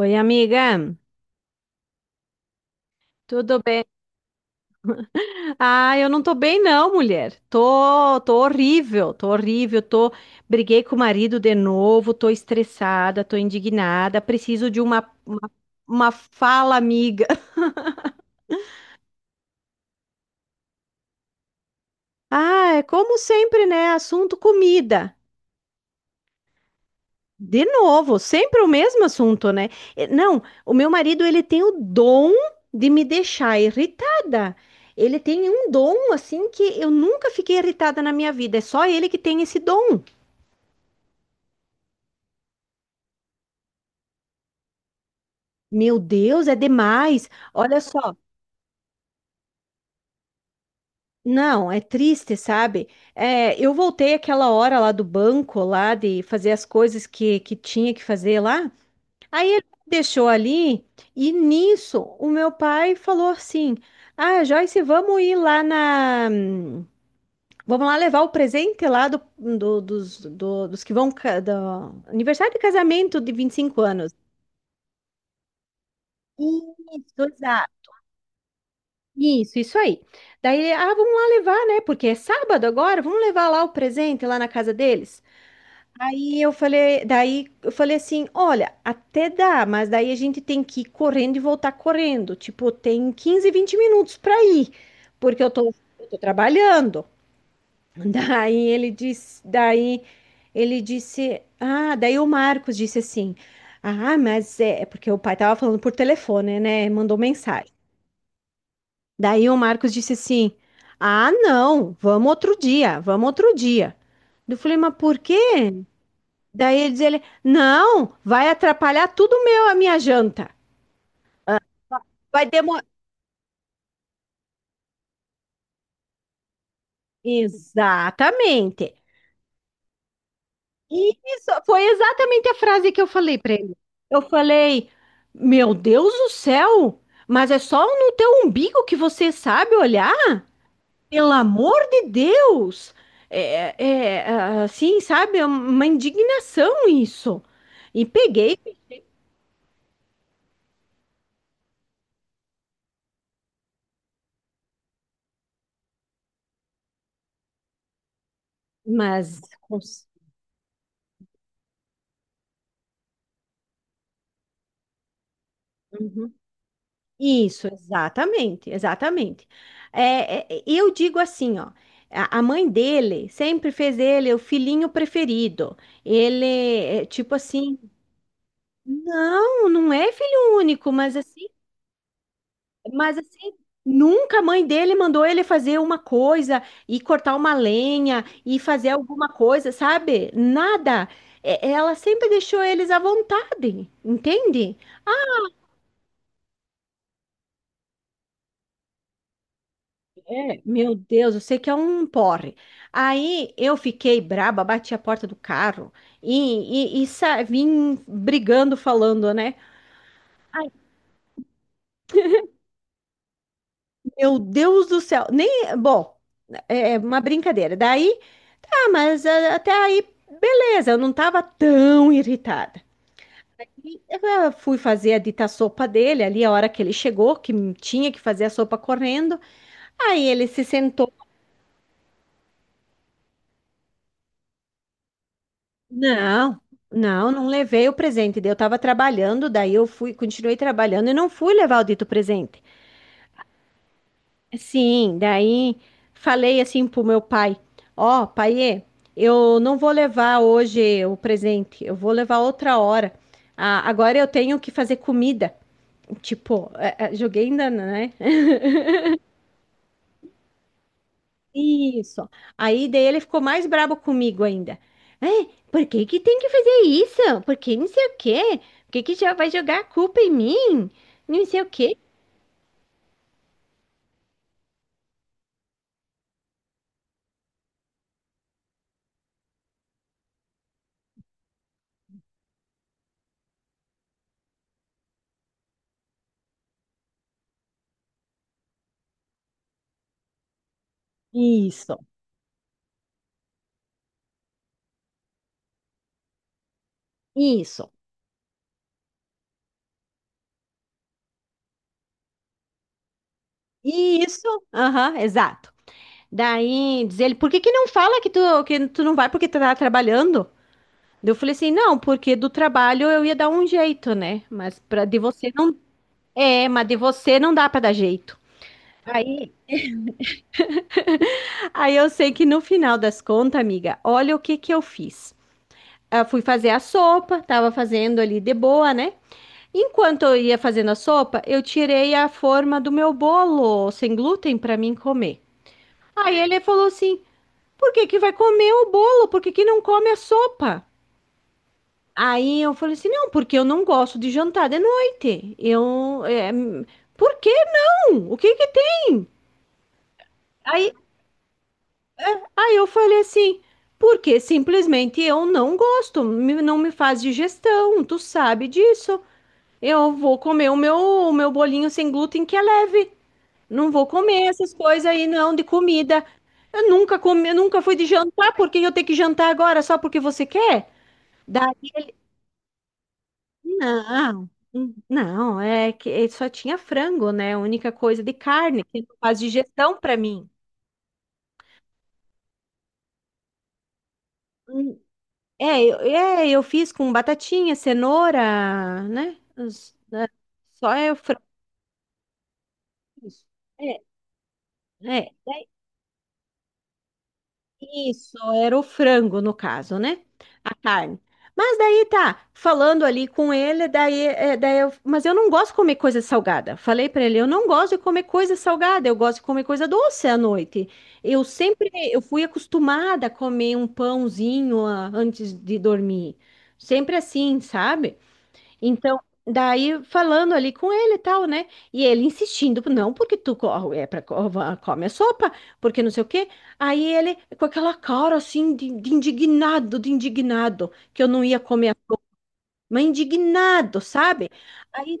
Oi, amiga. Tudo bem? Ah, eu não tô bem não, mulher. Tô horrível. Tô briguei com o marido de novo, tô estressada, tô indignada, preciso de uma fala amiga. Ah, é como sempre, né? Assunto comida. De novo, sempre o mesmo assunto, né? Não, o meu marido, ele tem o dom de me deixar irritada. Ele tem um dom assim que eu nunca fiquei irritada na minha vida. É só ele que tem esse dom. Meu Deus, é demais. Olha só. Não, é triste, sabe? É, eu voltei aquela hora lá do banco, lá de fazer as coisas que tinha que fazer lá. Aí ele deixou ali, e nisso o meu pai falou assim: Ah, Joyce, vamos ir lá na. Vamos lá levar o presente lá dos que vão. Do... Aniversário de casamento de 25 anos. Isso, exato. Isso aí. Daí, ah, vamos lá levar, né? Porque é sábado agora, vamos levar lá o presente lá na casa deles. Aí eu falei, daí eu falei assim, olha, até dá, mas daí a gente tem que ir correndo e voltar correndo. Tipo, tem 15, 20 minutos para ir, porque eu tô trabalhando. Daí ele disse, daí daí o Marcos disse assim, ah, mas é porque o pai tava falando por telefone, né? Mandou mensagem. Daí o Marcos disse assim, ah, não, vamos outro dia, vamos outro dia. Eu falei, mas por quê? Daí diz ele: Não, vai atrapalhar tudo meu, a minha janta. Vai demorar. Exatamente. Isso foi exatamente a frase que eu falei para ele. Eu falei: Meu Deus do céu, mas é só no teu umbigo que você sabe olhar? Pelo amor de Deus! É, assim, sabe? É uma indignação isso. E peguei, mas. cons- Isso, exatamente, exatamente. Eu digo assim, ó, a mãe dele sempre fez ele o filhinho preferido. Ele, é, tipo assim, não, não é filho único, mas assim, nunca a mãe dele mandou ele fazer uma coisa e cortar uma lenha e fazer alguma coisa, sabe? Nada. É, ela sempre deixou eles à vontade, entende? É, meu Deus, eu sei que é um porre. Aí eu fiquei braba, bati a porta do carro e vim brigando, falando, né? Ai, meu Deus do céu, nem, bom, é uma brincadeira. Daí, tá, mas ah, até aí, beleza, eu não tava tão irritada. Eu fui fazer a dita sopa dele ali, a hora que ele chegou, que tinha que fazer a sopa correndo. Aí ele se sentou. Não, não, não levei o presente. Daí eu estava trabalhando, daí eu fui, continuei trabalhando e não fui levar o dito presente. Sim, daí falei assim pro meu pai: Ó, paiê, eu não vou levar hoje o presente, eu vou levar outra hora. Ah, agora eu tenho que fazer comida. Tipo, joguei ainda, né? Isso. Aí daí ele ficou mais brabo comigo ainda. É, por que que tem que fazer isso? Por que não sei o quê? Por que que já vai jogar a culpa em mim? Não sei o quê. Isso, isso, isso. Aham, exato. Daí diz ele, por que que não fala que tu não vai porque tu tá trabalhando? Daí eu falei assim, não, porque do trabalho eu ia dar um jeito, né? Mas pra, de você não... É, mas de você não dá pra dar jeito. Aí, aí eu sei que no final das contas, amiga, olha o que que eu fiz. Eu fui fazer a sopa, tava fazendo ali de boa, né? Enquanto eu ia fazendo a sopa, eu tirei a forma do meu bolo sem glúten para mim comer. Aí ele falou assim: "Por que que vai comer o bolo? Por que que não come a sopa?" Aí eu falei assim: "Não, porque eu não gosto de jantar de noite. Eu é, por que não? O que que tem?" Aí, aí eu falei assim, porque simplesmente eu não gosto, não me faz digestão, tu sabe disso. Eu vou comer o meu bolinho sem glúten que é leve. Não vou comer essas coisas aí não de comida. Eu nunca comi, eu nunca fui de jantar, por que eu tenho que jantar agora só porque você quer? Daí, não. Não, é que é, só tinha frango, né? A única coisa de carne que não faz digestão pra mim. Eu fiz com batatinha, cenoura, né? Né? Só é o frango. Isso. É, é, é isso, era o frango no caso, né? A carne. Mas daí tá, falando ali com ele, daí, mas eu não gosto de comer coisa salgada. Falei pra ele, eu não gosto de comer coisa salgada, eu gosto de comer coisa doce à noite. Eu fui acostumada a comer um pãozinho antes de dormir. Sempre assim, sabe? Então, daí falando ali com ele e tal, né? E ele insistindo, não, porque tu co- é pra, co- va- come a sopa, porque não sei o quê. Aí ele, com aquela cara assim, de indignado, que eu não ia comer, mas indignado, sabe? Aí,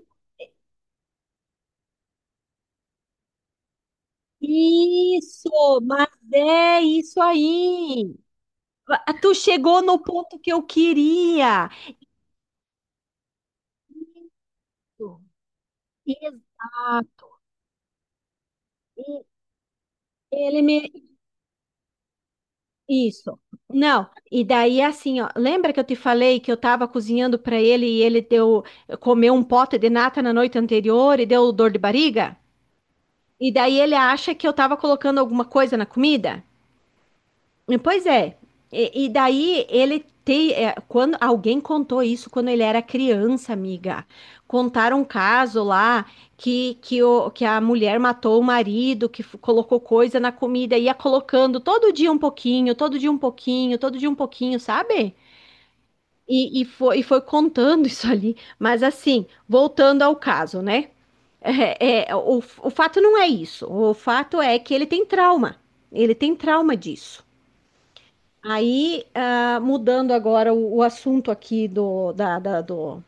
isso, mas é isso aí. Ah, tu chegou no ponto que eu queria. Exato. E ele me, isso. Não, e daí assim, ó, lembra que eu te falei que eu tava cozinhando pra ele e ele deu comeu um pote de nata na noite anterior e deu dor de barriga? E daí ele acha que eu tava colocando alguma coisa na comida? Pois é. E daí ele tem, é, quando alguém contou isso quando ele era criança, amiga. Contaram um caso lá que a mulher matou o marido, que colocou coisa na comida, ia colocando todo dia um pouquinho, todo dia um pouquinho, todo dia um pouquinho, sabe? E foi contando isso ali. Mas assim, voltando ao caso, né? O fato não é isso. O fato é que ele tem trauma. Ele tem trauma disso. Aí, ah, mudando agora o assunto aqui do, da, da, do-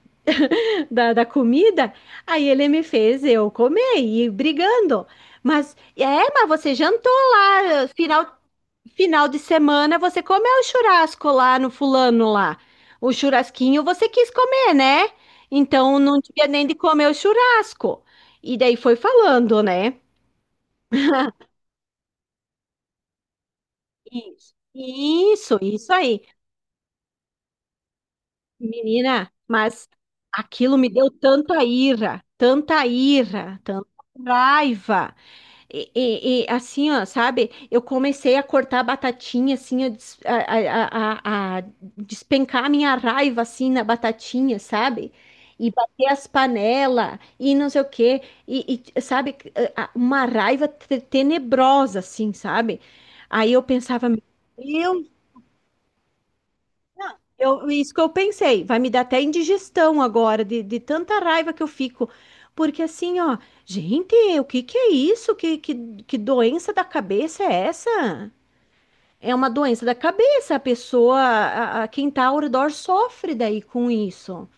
da- da comida, aí ele me fez eu comer e ir brigando. Mas, é, mas você jantou lá, final de semana você comeu o churrasco lá no fulano lá. O churrasquinho você quis comer, né? Então não tinha nem de comer o churrasco. E daí foi falando, né? Isso aí. Menina, mas aquilo me deu tanta ira, tanta ira, tanta raiva. E assim, ó, sabe? Eu comecei a cortar a batatinha, assim, a despencar a minha raiva, assim, na batatinha, sabe? E bater as panelas e não sei o quê. Sabe? Uma raiva tenebrosa, assim, sabe? Aí eu pensava, meu, eu, isso que eu pensei, vai me dar até indigestão agora, de tanta raiva que eu fico. Porque assim, ó, gente, o que que é isso? Que doença da cabeça é essa? É uma doença da cabeça, a pessoa, quem tá ao redor sofre daí com isso.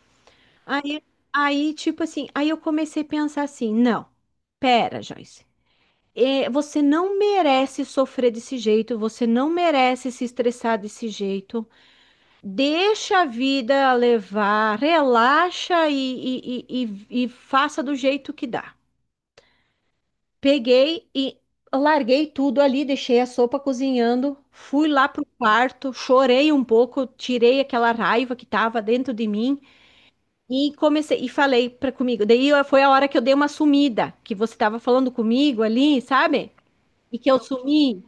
Aí, aí, tipo assim, aí eu comecei a pensar assim, não, pera, Joyce, você não merece sofrer desse jeito, você não merece se estressar desse jeito. Deixa a vida levar, relaxa e faça do jeito que dá. Peguei e larguei tudo ali, deixei a sopa cozinhando, fui lá pro quarto, chorei um pouco, tirei aquela raiva que estava dentro de mim e comecei e falei para comigo. Foi a hora que eu dei uma sumida, que você estava falando comigo ali, sabe? E que eu sumi.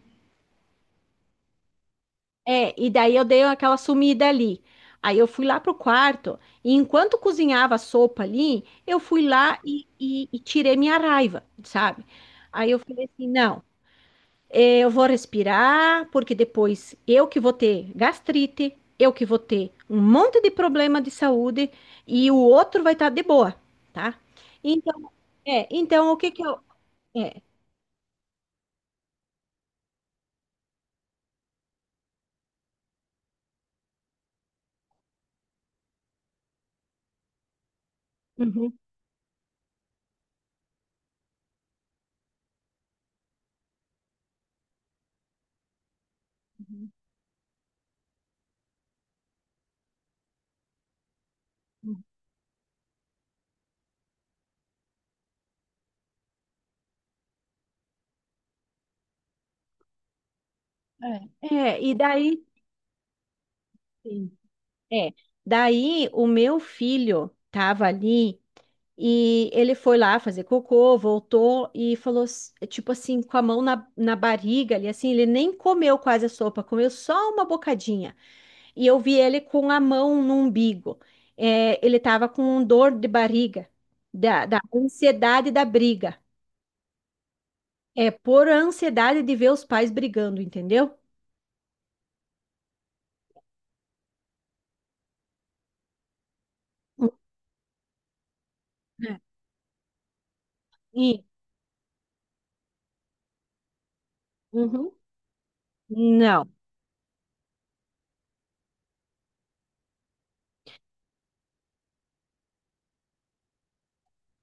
É, e daí eu dei aquela sumida ali. Aí eu fui lá pro quarto e enquanto cozinhava a sopa ali, eu fui lá e tirei minha raiva, sabe? Aí eu falei assim, não, eu vou respirar, porque depois eu que vou ter gastrite, eu que vou ter um monte de problema de saúde e o outro vai estar de boa, tá? Então, é, então o que que eu... É, uhum. É, e daí... É. Daí o meu filho tava ali e ele foi lá fazer cocô, voltou e falou, tipo assim, com a mão na barriga ali, assim, ele nem comeu quase a sopa, comeu só uma bocadinha. E eu vi ele com a mão no umbigo. É, ele tava com dor de barriga, da ansiedade da briga. É por ansiedade de ver os pais brigando, entendeu? É. E, uhum. Não.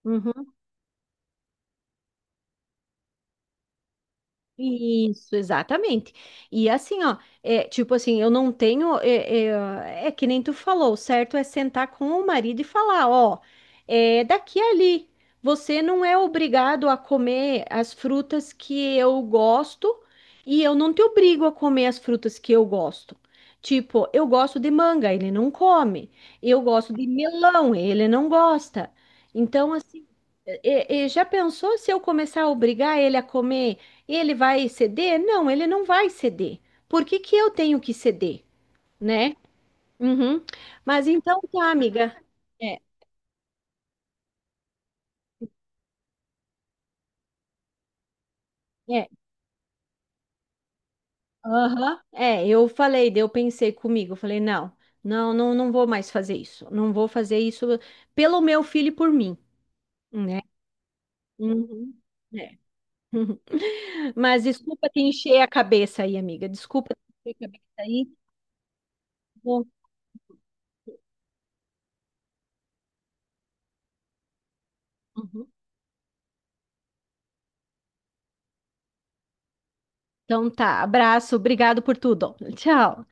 Uhum. Isso, exatamente. E assim, ó, é, tipo assim, eu não tenho. É que nem tu falou, o certo é sentar com o marido e falar: ó, é daqui a ali. Você não é obrigado a comer as frutas que eu gosto e eu não te obrigo a comer as frutas que eu gosto. Tipo, eu gosto de manga, ele não come. Eu gosto de melão, ele não gosta. Então, assim. E já pensou se eu começar a obrigar ele a comer? Ele vai ceder? Não, ele não vai ceder. Por que que eu tenho que ceder, né? Uhum. Mas então tá, amiga. É, é, aham. É, eu falei, daí eu pensei comigo, eu falei, não, não vou mais fazer isso. Não vou fazer isso pelo meu filho e por mim, né? Uhum. É. Mas desculpa te encher a cabeça aí, amiga. Desculpa te encher a cabeça aí. Vou- uhum. Então tá, abraço, obrigado por tudo. Tchau.